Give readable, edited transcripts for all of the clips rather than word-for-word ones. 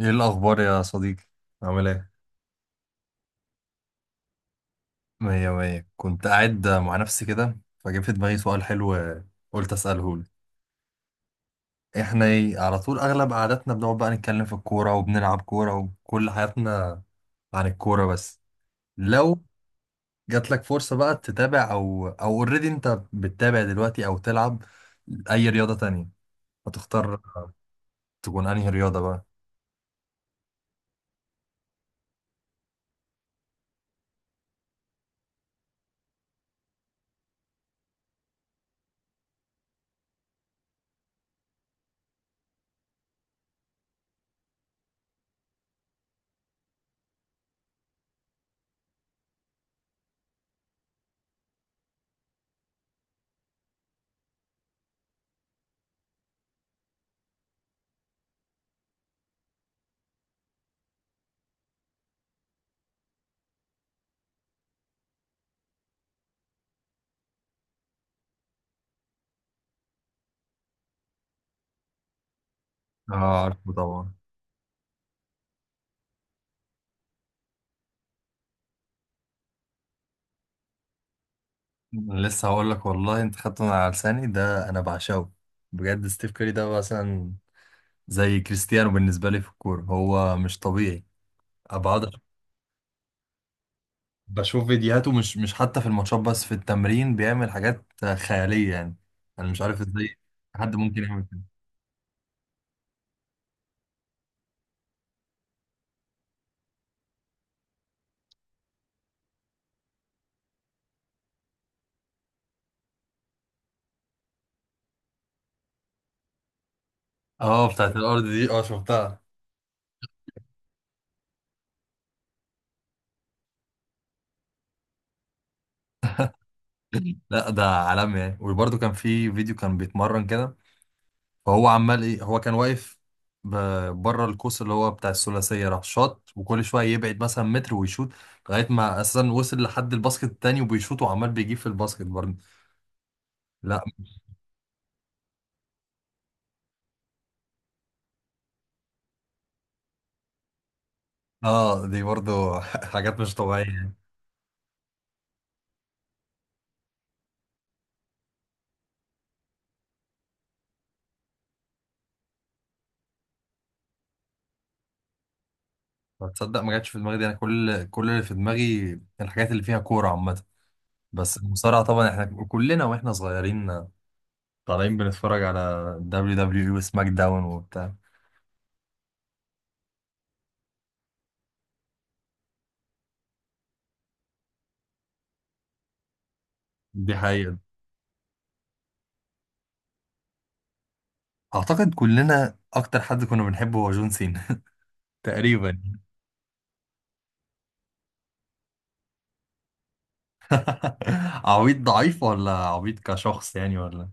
ايه الاخبار يا صديقي؟ عامل ايه؟ مية مية. كنت قاعد مع نفسي كده فجه في دماغي سؤال حلو، قلت اساله لك. احنا إيه على طول اغلب قعداتنا بنقعد بقى نتكلم في الكوره وبنلعب كوره وكل حياتنا عن الكوره بس. لو جات لك فرصه بقى تتابع او اوريدي انت بتتابع دلوقتي او تلعب اي رياضه تانية، هتختار تكون انهي رياضه بقى؟ اه، عارفه طبعا. لسه هقول لك والله، انت خدت من على لساني ده، انا بعشقه بجد. ستيف كاري ده مثلا زي كريستيانو بالنسبة لي في الكورة، هو مش طبيعي. بقعد بشوف فيديوهاته، مش حتى في الماتشات بس في التمرين بيعمل حاجات خيالية يعني. أنا مش عارف إزاي حد ممكن يعمل كده. اه بتاعت الأرض دي، اه شفتها. لا ده عالمي يعني. وبرده كان في فيديو كان بيتمرن كده، فهو عمال إيه، هو كان واقف بره القوس اللي هو بتاع الثلاثية، راح شاط، وكل شوية يبعد مثلا متر ويشوط لغاية ما أساسا وصل لحد الباسكت التاني وبيشوط وعمال بيجيب في الباسكت برضه. لا. اه دي برضو. حاجات مش طبيعية يعني. تصدق ما جاتش في دماغي دي، انا كل اللي في دماغي الحاجات اللي فيها كورة عامة. بس المصارعة طبعا، احنا كلنا واحنا صغيرين طالعين بنتفرج على دبليو دبليو اي وسماك داون وبتاع. دي حقيقة. اعتقد كلنا اكتر حد كنا بنحبه هو جون سينا. تقريبا. عبيط ضعيف ولا عبيط كشخص يعني ولا؟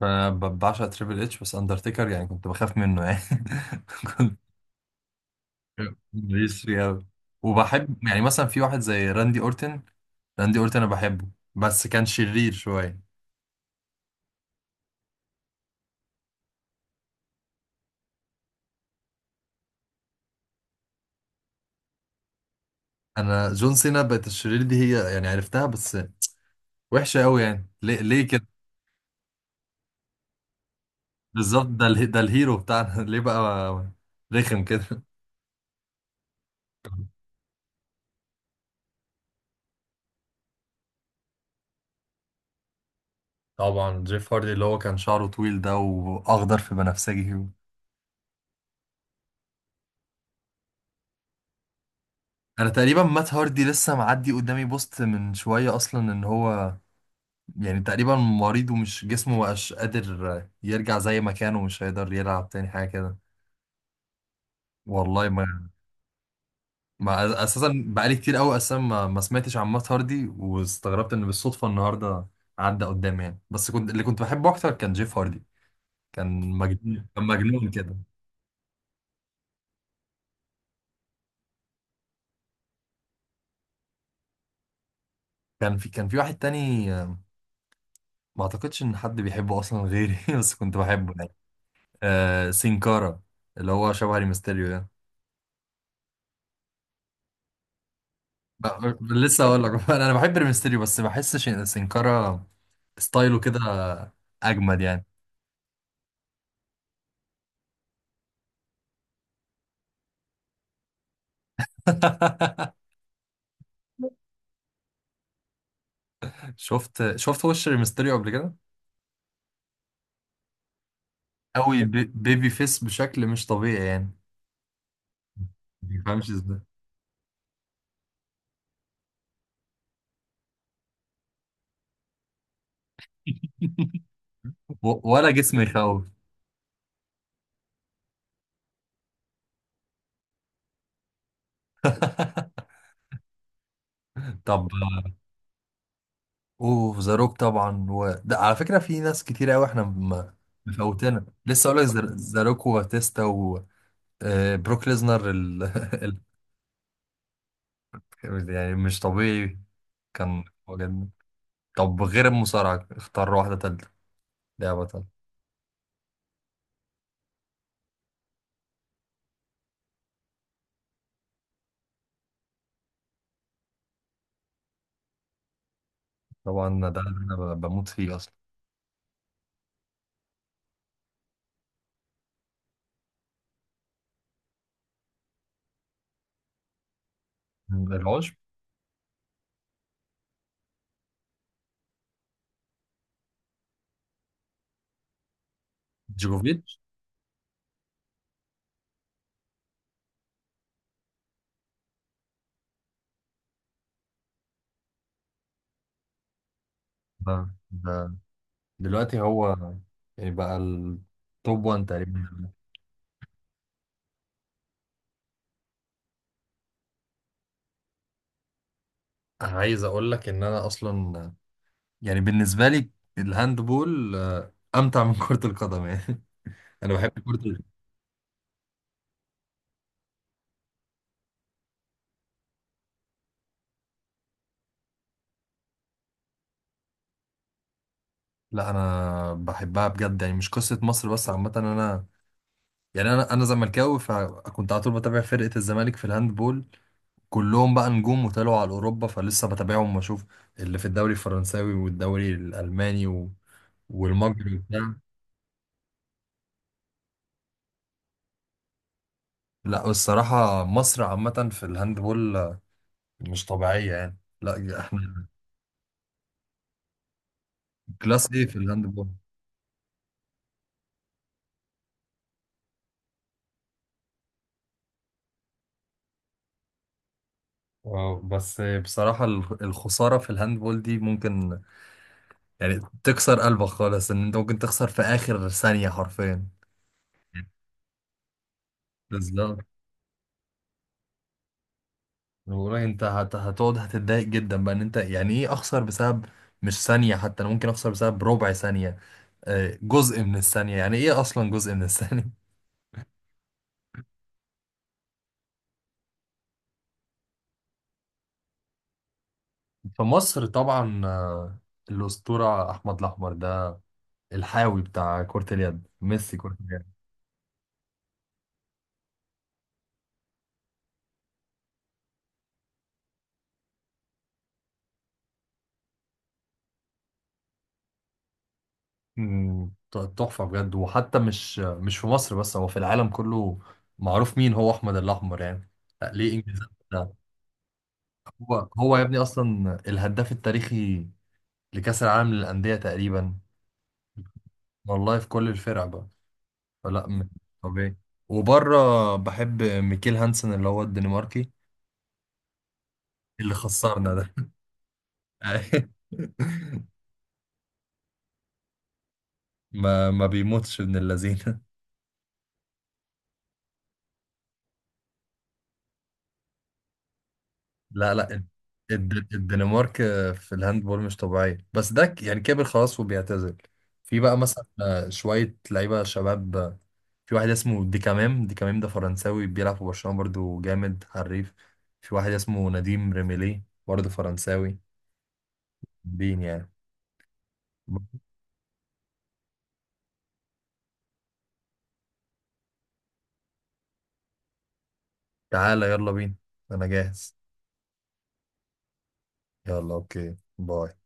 بعشق تريبل اتش، بس اندرتيكر يعني كنت بخاف منه يعني. كنت ماليش فيه أوي. وبحب يعني مثلا في واحد زي راندي أورتن، راندي أورتن أنا بحبه، بس كان شرير شوية. أنا جون سينا بقت الشرير دي، هي يعني عرفتها بس وحشة أوي، يعني ليه ليه كده؟ بالظبط، ده الهيرو بتاعنا، ليه بقى رخم كده؟ طبعا جيف هاردي اللي هو كان شعره طويل ده وأخضر في بنفسجي. أنا تقريبا مات هاردي لسه معدي قدامي بوست من شوية أصلا، إن هو يعني تقريبا مريض، ومش جسمه مبقاش قادر يرجع زي ما كان ومش هيقدر يلعب تاني حاجة كده. والله ما، ما اساسا بقالي كتير قوي اساسا ما سمعتش عن مات هاردي، واستغربت ان بالصدفة النهاردة عدى قدامي يعني. بس كنت، اللي كنت بحبه اكتر كان جيف هاردي. كان مجنون كده. كان في واحد تاني، ما اعتقدش ان حد بيحبه اصلا غيري، بس كنت بحبه يعني. آه سينكارا، اللي هو شبه ريمستيريو ده. أه، لسه اقول لك. انا بحب الميستيريو بس بحس سنكارا ستايله كده اجمد يعني. شفت وش الميستيريو قبل كده؟ قوي بيبي فيس بشكل مش طبيعي يعني، ما بيفهمش ازاي. ولا جسم يخوف. طب اوف ذا روك طبعا. و... ده على فكره في ناس كتير قوي احنا مفوتنا. لسه اقول لك: ذا روك، وباتيستا، وبروك ليزنر. ال... ال... يعني مش طبيعي، كان بجد. طب غير المصارعة اختار واحدة تالتة، لعبة تالتة. طبعا ده اللي أنا بموت فيه أصلا. العشب. جوكوفيتش. ده دلوقتي هو يعني بقى التوب 1 تقريبا. عايز أقول لك إن أنا أصلا يعني بالنسبة لي الهاند بول، أمتع من كرة القدم يعني. أنا بحب كرة ال-. لا أنا بحبها بجد، يعني مش قصة مصر بس، عامة أنا يعني، أنا زملكاوي فكنت على طول بتابع فرقة الزمالك في الهاند بول. كلهم بقى نجوم وطلعوا على اوروبا فلسه بتابعهم واشوف اللي في الدوري الفرنساوي والدوري الالماني و... والمجري وبتاع. لا الصراحه مصر عامه في الهاندبول مش طبيعيه يعني. لا احنا كلاس ايه في الهاندبول. اه بس بصراحه الخساره في الهاندبول دي ممكن يعني تكسر قلبك خالص، ان انت ممكن تخسر في اخر ثانيه حرفيا. بالظبط، والله انت هت... هتقعد هتتضايق جدا بقى ان انت يعني ايه اخسر بسبب، مش ثانية حتى، انا ممكن اخسر بسبب ربع ثانية، جزء من الثانية. يعني ايه اصلا جزء من الثانية؟ في مصر طبعا، الأسطورة احمد الاحمر ده، الحاوي بتاع كرة اليد، ميسي كرة اليد. مم، تحفة بجد. وحتى مش مش في مصر بس، هو في العالم كله معروف مين هو احمد الاحمر يعني. لا، ليه انجازات ده. هو هو يا ابني اصلا الهداف التاريخي لكأس العالم للأندية تقريبا. والله في كل الفرق بقى، فلا. م- طبيعي. وبره بحب ميكيل هانسن اللي هو الدنماركي، اللي خسرنا ده. ما ما بيموتش ابن اللذينه. لا لا، الدنمارك في الهاندبول مش طبيعيه، بس ده ك- يعني كبر خلاص وبيعتزل. في بقى مثلا، شويه لعيبه شباب، في واحد اسمه ديكامام ده فرنساوي بيلعب في برشلونه، برضو جامد حريف. في واحد اسمه نديم ريميلي برضو فرنساوي، بين يعني. تعالى، يلا بينا، انا جاهز. يلا، اوكي، باي.